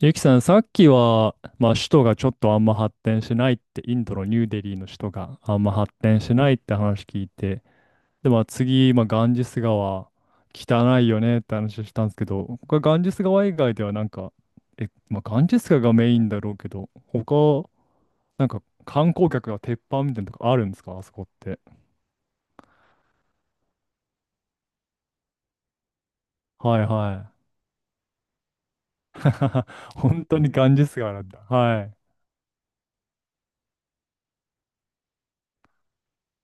ゆきさん、さっきは、まあ、首都がちょっとあんま発展しないって、インドのニューデリーの首都があんま発展しないって話聞いて、で、まあ、次、まあ、ガンジス川、汚いよねって話したんですけど、これガンジス川以外ではなんか、まあ、ガンジス川がメインだろうけど、他、なんか観光客が鉄板みたいなとこあるんですかあそこって？はいはい。本当にガンジス川なんだ。はい。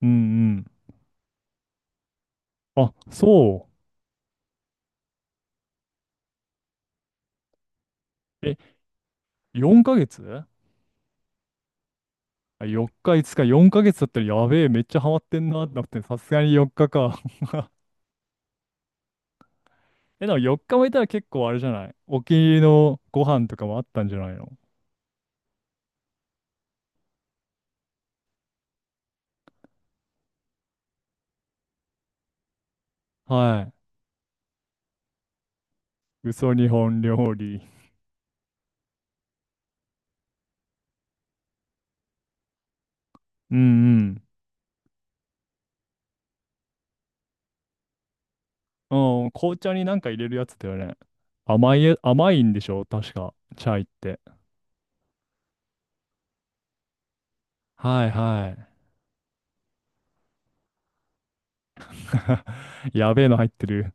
うんうん。あ、そう。え、4ヶ月、4日、5日、4ヶ月だったらやべえ、めっちゃハマってんなってなって、さすがに4日か。え、でも4日もいたら結構あれじゃない？お気に入りのご飯とかもあったんじゃないの？はい。嘘日本料理。うんうん。うん、紅茶になんか入れるやつだよね。甘いんでしょ確か。チャイって。はいはい。やべえの入ってる。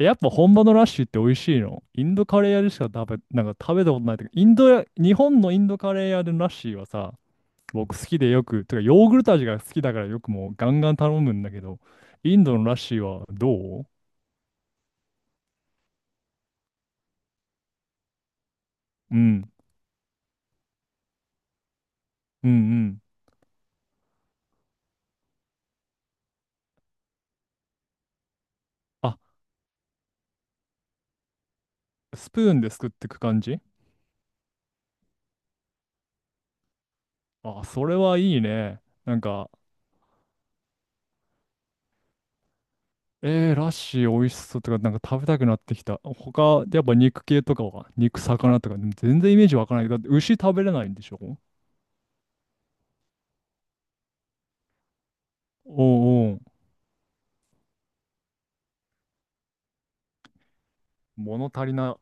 やっぱ本場のラッシュって美味しいの？インドカレー屋でしかなんか食べたことないというか、インドや、日本のインドカレー屋でのラッシーはさ、僕好きでてかヨーグルト味が好きだからよくもうガンガン頼むんだけど、インドのラッシーはどう？うん、うんうん。あ、スプーンですくってく感じ？あ、それはいいね。なんか、ラッシー美味しそうとか、なんか食べたくなってきた。他、やっぱ肉系とかは、肉、魚とか、でも全然イメージわからないけど、だって牛食べれないんでしょ？おうおう、物足りな。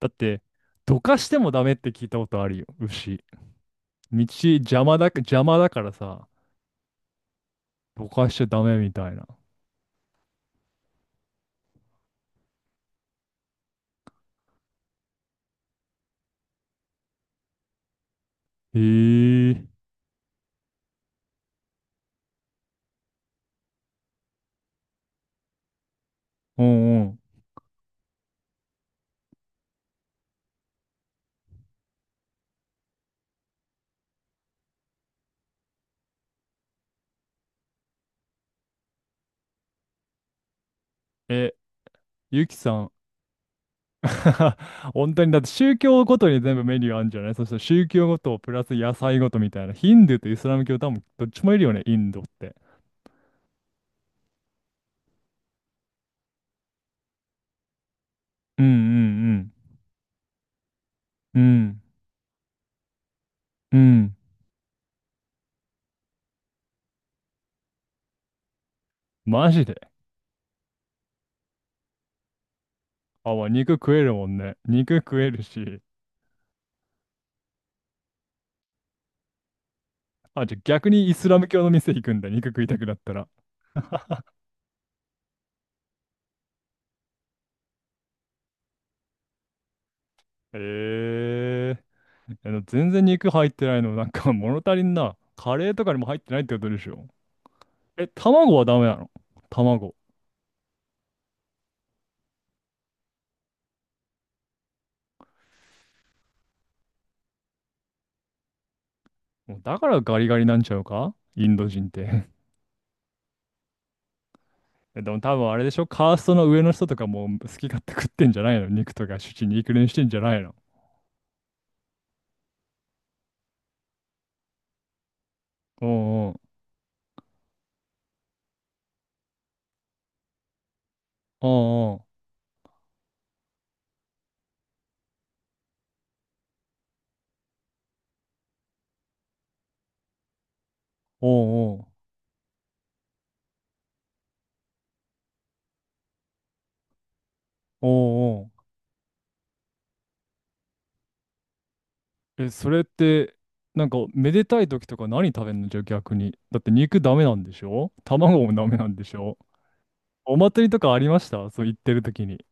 だって、どかしてもダメって聞いたことあるよ、牛。道邪魔だからさ。ぼかしちゃダメみたいな。へえ。うんうん。え、ゆきさん。本当にだって宗教ごとに全部メニューあるんじゃない？そして宗教ごとプラス野菜ごとみたいな。ヒンドゥーとイスラム教多分どっちもいるよね、インドって。うんうんうん。うん。うん。マジで。あ、まあ、肉食えるもんね。肉食えるし。あ、じゃあ逆にイスラム教の店行くんだ。肉食いたくなったら。へえ。全然肉入ってないの？なんか 物足りんな。カレーとかにも入ってないってことでしょ？え、卵はダメなの？卵。もうだからガリガリなんちゃうか、インド人って。でも多分あれでしょ？カーストの上の人とかもう好き勝手食ってんじゃないの？肉とか主にいいくにしてんじゃないの？おう、おう、おう、おう、おう、おう、おう。え、それって、なんかめでたい時とか何食べんの？じゃあ逆に。だって肉ダメなんでしょ？卵もダメなんでしょ？お祭りとかありました？そう言ってる時に。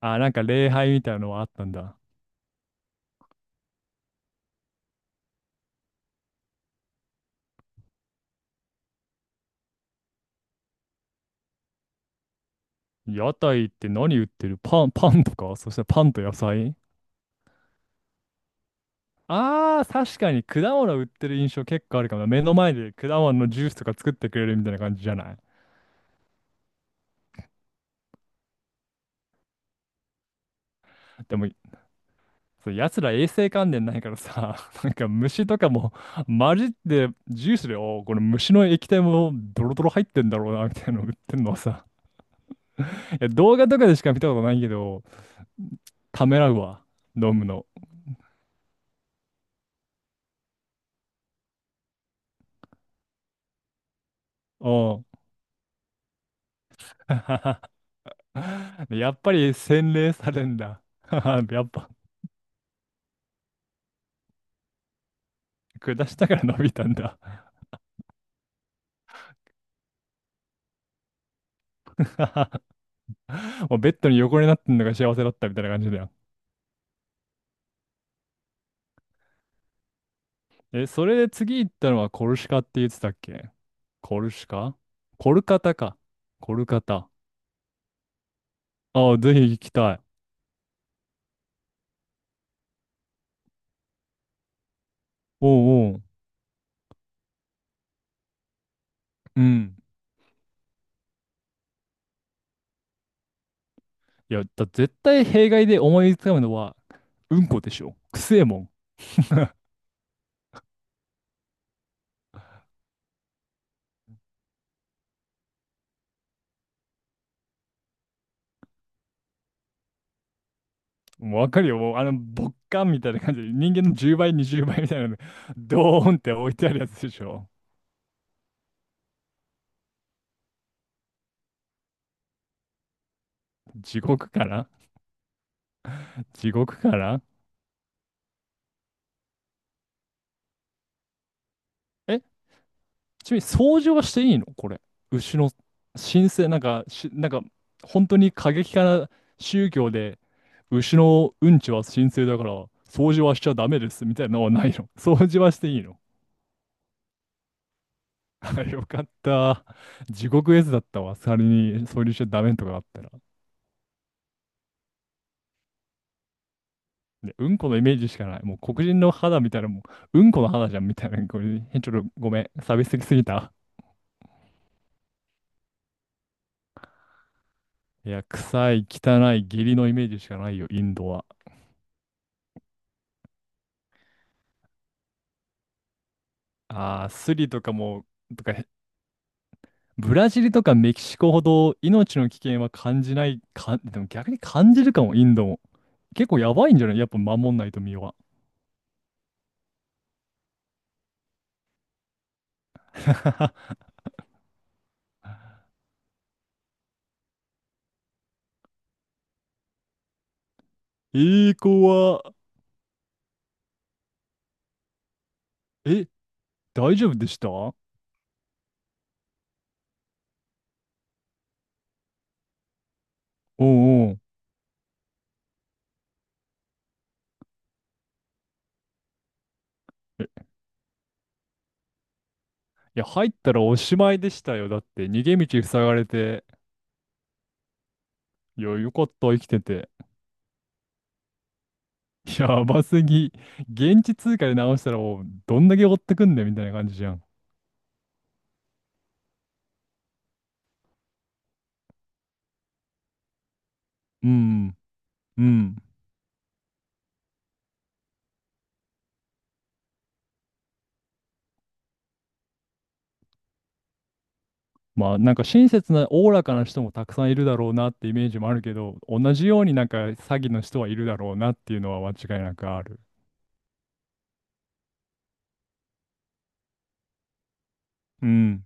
あ、なんか礼拝みたいなのはあったんだ。屋台って何売ってる？パン、パンとか？そしてパンと野菜？ああー、確かに果物売ってる印象結構あるかもな。目の前で果物のジュースとか作ってくれるみたいな感じじゃない？でも、そう、奴ら衛生観念ないからさ、なんか虫とかも混じってジュースで、おーこれ虫の液体もドロドロ入ってんだろうな、みたいなの売ってんのはさ、いや、動画とかでしか見たことないけど、ためらうわ、飲むの。うん。やっぱり洗練されるんだ。やっぱ、下したから伸びたんだ。もうベッドに横になってんのが幸せだったみたいな感じだよ。え、それで次行ったのはコルシカって言ってたっけ？コルシカ？コルカタか。コルカタ。ああ、ぜひ行きたい。おうおう。うん。いや、絶対弊害で思いつかむのは、うんこでしょ。くせえもん。もうわかるよ。もうボッカンみたいな感じで、人間の10倍、20倍みたいなの、ドーンって置いてあるやつでしょ。地獄から。地獄から。え、ちなみに掃除はしていいの？これ。牛の神聖、なんか、本当に過激派な宗教で、牛のうんちは神聖だから、掃除はしちゃダメですみたいなのはないの？掃除はしていいの？よかった。地獄絵図だったわ。仮に掃除しちゃダメとかあったら。で、うんこのイメージしかない。もう黒人の肌みたいな、もう、うんこの肌じゃんみたいな。これ、ちょっとごめん。差別的すぎた。いや、臭い、汚い、下痢のイメージしかないよ、インドは。ああ、スリとかも、とか、ブラジルとかメキシコほど命の危険は感じない、か、でも逆に感じるかも、インドも。結構やばいんじゃない？やっぱ守んないと身は。ええ子は、え、大丈夫でしたお？うんうん。えいや、入ったらおしまいでしたよ。だって、逃げ道塞がれて。いや、よかった、生きてて。やばすぎ。現地通貨で直したらもう、どんだけ追ってくんだよ、みたいな感じじゃん。うん、うん。まあなんか親切なおおらかな人もたくさんいるだろうなってイメージもあるけど、同じようになんか詐欺の人はいるだろうなっていうのは間違いなくある。うん。